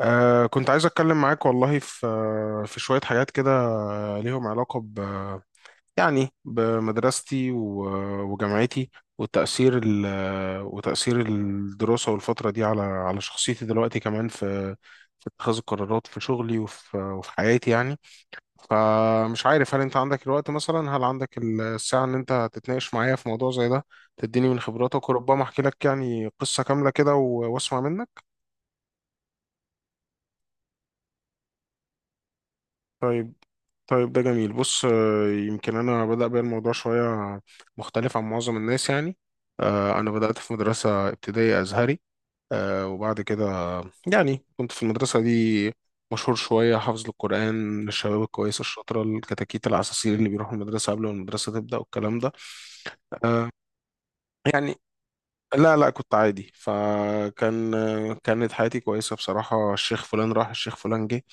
كنت عايز أتكلم معاك والله في شوية حاجات كده، ليهم علاقة يعني بمدرستي و- وجامعتي، والتأثير ال وتأثير الدراسة والفترة دي على شخصيتي دلوقتي كمان في اتخاذ القرارات في شغلي وفي حياتي يعني. فمش عارف، هل أنت عندك الوقت مثلا؟ هل عندك الساعة إن أنت تتناقش معايا في موضوع زي ده، تديني من خبراتك، وربما أحكي لك يعني قصة كاملة كده و- وأسمع منك. طيب. طيب، ده جميل. بص، يمكن انا بدأ بيا الموضوع شوية مختلف عن معظم الناس يعني. انا بدأت في مدرسة ابتدائية ازهري، وبعد كده يعني كنت في المدرسة دي مشهور شوية، حافظ للقرآن، للشباب الكويسة الشاطرة الكتاكيت العساسين اللي بيروحوا المدرسة قبل ما المدرسة تبدأ والكلام ده. آه، يعني لا، لا، كنت عادي. فكان آه، كانت حياتي كويسة بصراحة، الشيخ فلان راح الشيخ فلان جه.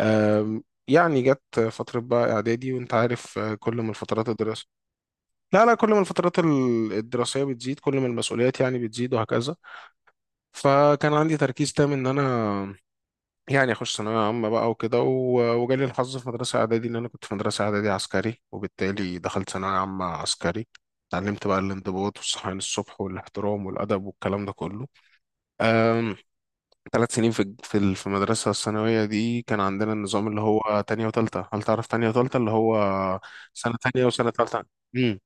يعني جت فترة بقى إعدادي، وأنت عارف، كل ما الفترات الدراسية... لا، لا، كل ما الفترات الدراسية بتزيد، كل ما المسؤوليات يعني بتزيد وهكذا. فكان عندي تركيز تام إن أنا يعني أخش ثانوية عامة بقى وكده، و- وجالي الحظ في مدرسة إعدادي إن أنا كنت في مدرسة إعدادي عسكري، وبالتالي دخلت ثانوية عامة عسكري. اتعلمت بقى الانضباط والصحيان الصبح والاحترام والأدب والكلام ده كله. 3 سنين في الج- في ال- في المدرسة الثانوية دي كان عندنا النظام اللي هو تانية وتالتة. هل تعرف تانية وتالتة؟ اللي هو سنة تانية وسنة تالتة. امم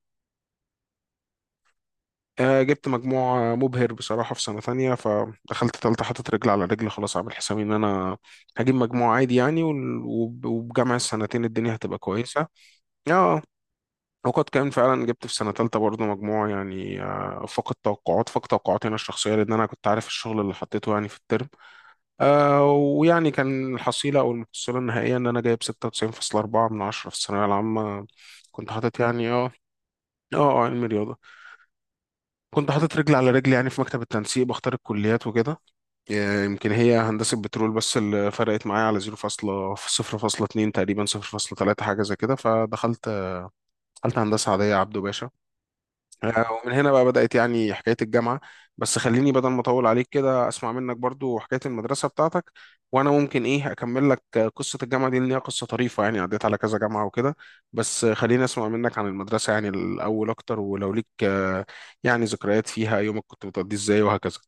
جبت مجموع مبهر بصراحة في سنة تانية، فدخلت تالتة حطيت رجل على رجل، خلاص عامل حسابي إن أنا هجيب مجموع عادي يعني، وال- وب- وبجمع السنتين الدنيا هتبقى كويسة. اه، وقد كان فعلا، جبت في سنة تالتة برضه مجموع يعني، فقد توقعاتي أنا الشخصية، لأن أنا كنت عارف الشغل اللي حطيته يعني في الترم. ويعني كان الحصيلة أو المحصلة النهائية إن أنا جايب 96.4 من عشرة في الثانوية العامة. كنت حاطط يعني، اه. اه، علم رياضة. كنت حاطط رجل على رجل يعني في مكتب التنسيق بختار الكليات وكده، يمكن هي هندسة بترول، بس اللي فرقت معايا على 0.0.2 تقريبا، 0.3 حاجة زي كده. دخلت هندسة عادية، عبده باشا. ومن هنا بقى بدأت يعني حكاية الجامعة. بس خليني بدل ما أطول عليك كده أسمع منك برضو حكاية المدرسة بتاعتك، وأنا ممكن إيه أكمل لك قصة الجامعة دي، لأن هي قصة طريفة يعني، عديت على كذا جامعة وكده. بس خليني أسمع منك عن المدرسة يعني الأول أكتر، ولو ليك يعني ذكريات فيها، يومك كنت بتقضيه إزاي وهكذا.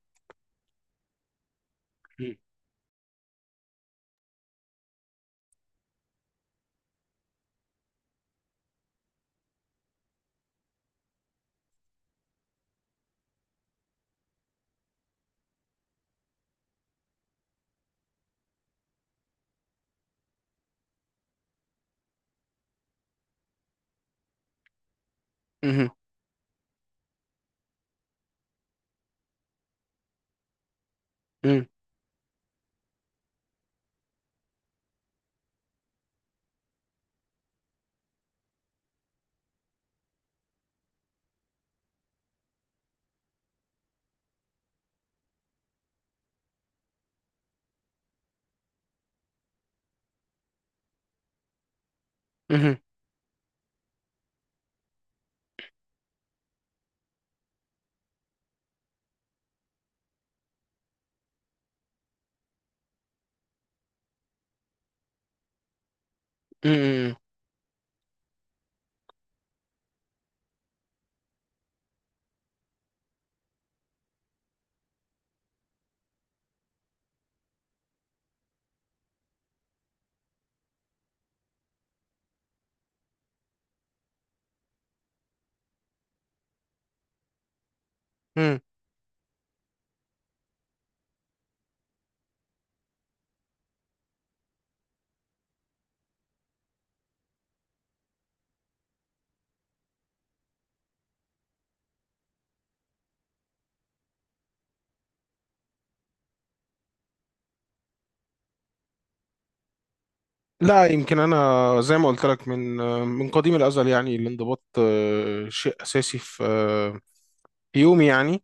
مهم. مهم. مهم. مهم. مهم. لا، يمكن انا زي ما قلت لك من قديم الازل يعني، الانضباط شيء اساسي في يومي يعني.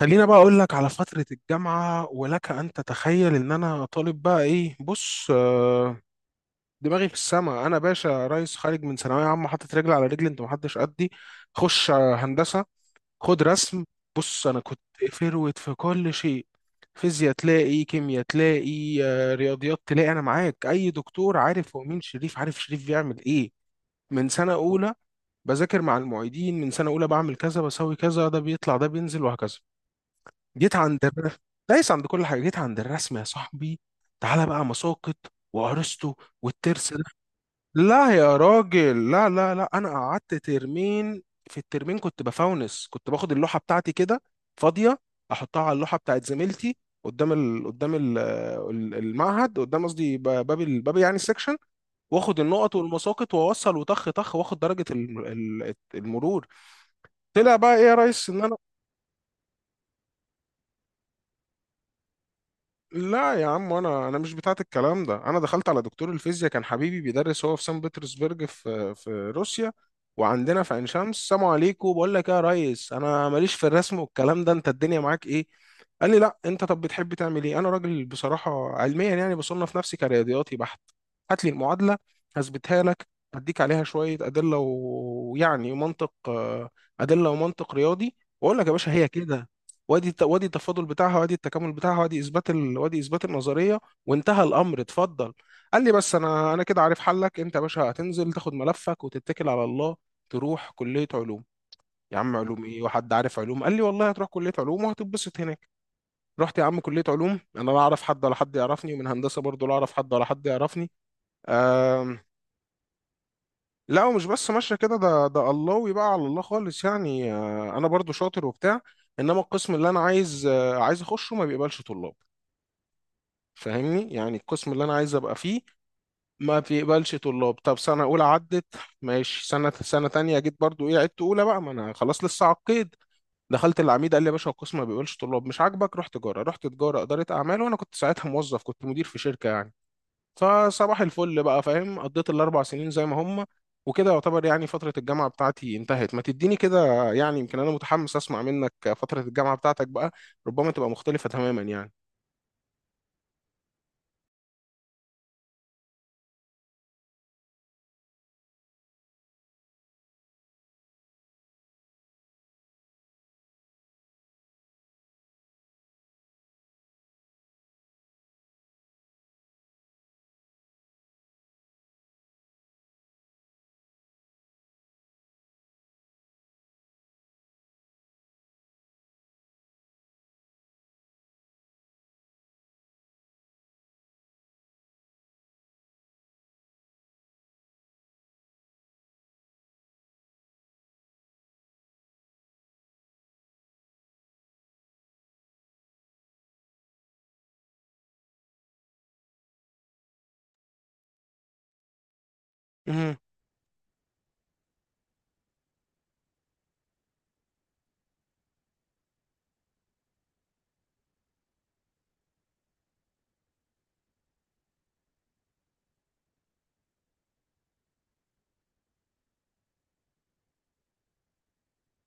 خلينا بقى اقول لك على فترة الجامعة، ولك ان تتخيل ان انا طالب بقى ايه. بص، دماغي في السما، انا باشا ريس خارج من ثانوية عامة حاطط رجل على رجل، انت محدش قدي. خش هندسة، خد رسم. بص انا كنت فروت في كل شيء، فيزياء تلاقي، كيمياء تلاقي، رياضيات تلاقي، انا معاك اي دكتور. عارف هو مين شريف؟ عارف شريف بيعمل ايه؟ من سنة اولى بذاكر مع المعيدين، من سنة اولى بعمل كذا بسوي كذا، ده بيطلع ده بينزل وهكذا. جيت عند الرسم. دايس عند كل حاجه، جيت عند الرسم يا صاحبي. تعالى بقى مساقط وارسطو والترس ده. لا يا راجل، لا، لا، لا، انا قعدت ترمين. في الترمين كنت بفونس، كنت باخد اللوحه بتاعتي كده فاضيه، احطها على اللوحه بتاعت زميلتي المعهد، قدام قصدي باب يعني السكشن، واخد النقط والمساقط واوصل وطخ طخ، واخد درجه المرور. طلع بقى ايه يا ريس، لا يا عم، انا انا مش بتاعت الكلام ده. انا دخلت على دكتور الفيزياء، كان حبيبي بيدرس هو في سان بطرسبرج في روسيا، وعندنا في عين شمس. سلام عليكم، بقول لك إيه يا ريس، انا ماليش في الرسم والكلام ده، انت الدنيا معاك ايه؟ قال لي لا، انت طب بتحب تعمل ايه؟ انا راجل بصراحه علميا يعني بصنف نفسي كرياضياتي بحت، هات لي المعادله هثبتها لك، هديك عليها شويه ادله و- ويعني منطق، ادله ومنطق رياضي، واقول لك يا باشا هي كده. وادي التفاضل بتاعها، وادي التكامل بتاعها، وادي اثبات النظريه، وانتهى الامر، اتفضل. قال لي بس انا كده عارف حلك، انت يا باشا هتنزل تاخد ملفك وتتكل على الله، تروح كليه علوم. يا عم، علوم ايه؟ وحد عارف علوم! قال لي والله هتروح كليه علوم وهتتبسط هناك. رحت يا عم كليه علوم، انا لا اعرف حد ولا حد يعرفني، ومن هندسه برضه لا اعرف حد ولا حد يعرفني. آم... لا، ومش بس ماشيه كده، ده الله بقى على الله خالص يعني، انا برضه شاطر وبتاع، انما القسم اللي انا عايز اخشه ما بيقبلش طلاب. فاهمني؟ يعني القسم اللي انا عايز ابقى فيه ما بيقبلش طلاب. طب، سنه اولى عدت ماشي، سنه تانية جيت برضو ايه، عدت اولى بقى، ما انا خلاص لسه عقيد. دخلت العميد قال لي يا باشا، القسم ما بيقبلش طلاب، مش عاجبك روح تجاره. رحت تجاره، اداره اعمال، وانا كنت ساعتها موظف، كنت مدير في شركه يعني. فصباح الفل بقى، فاهم، قضيت ال4 سنين زي ما هم وكده، يعتبر يعني فتره الجامعه بتاعتي انتهت. ما تديني كده، يعني يمكن انا متحمس اسمع منك فتره الجامعه بتاعتك بقى، ربما تبقى مختلفه تماما يعني.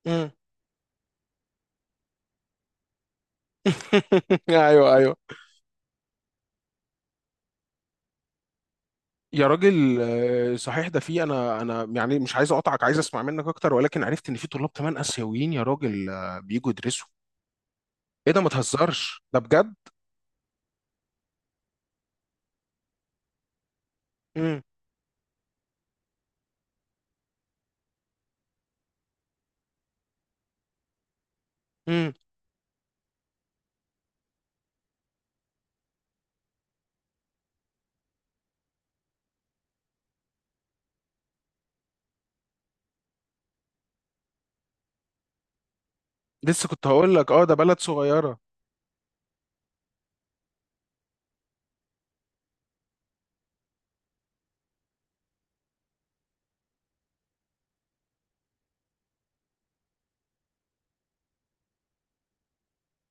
مهم. ايوه، ايوه. يا راجل، صحيح ده، في انا يعني مش عايز اقطعك، عايز اسمع منك اكتر، ولكن عرفت ان في طلاب كمان اسيويين، يا راجل، بيجوا يدرسوا. ايه ده! ما تهزرش، ده بجد. امم امم لسه كنت هقول لك، اه، ده بلد صغيره.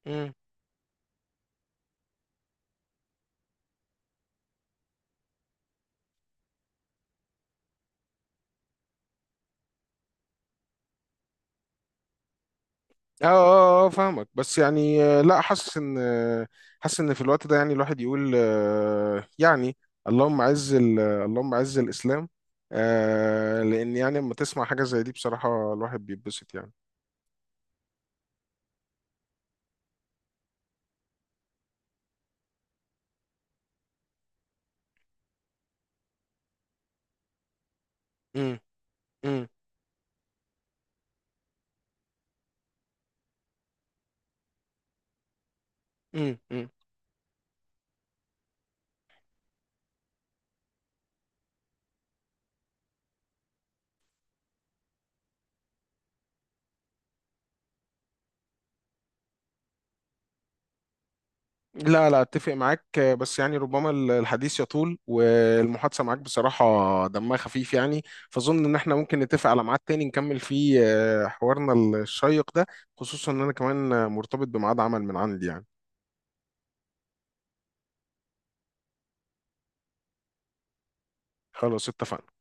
امم اه، اه، اه، فاهمك. بس يعني، لا، حاسس ان في الوقت ده يعني الواحد يقول، يعني، اللهم عز الاسلام، لان يعني لما تسمع حاجه زي دي بصراحه الواحد بيتبسط يعني. امم امم امم لا، لا، اتفق معاك، بس يعني ربما الحديث يطول، والمحادثه معاك بصراحه دمها خفيف يعني. فاظن ان احنا ممكن نتفق على ميعاد تاني نكمل فيه حوارنا الشيق ده، خصوصا ان انا كمان مرتبط بميعاد عمل من عندي يعني. خلاص، اتفقنا.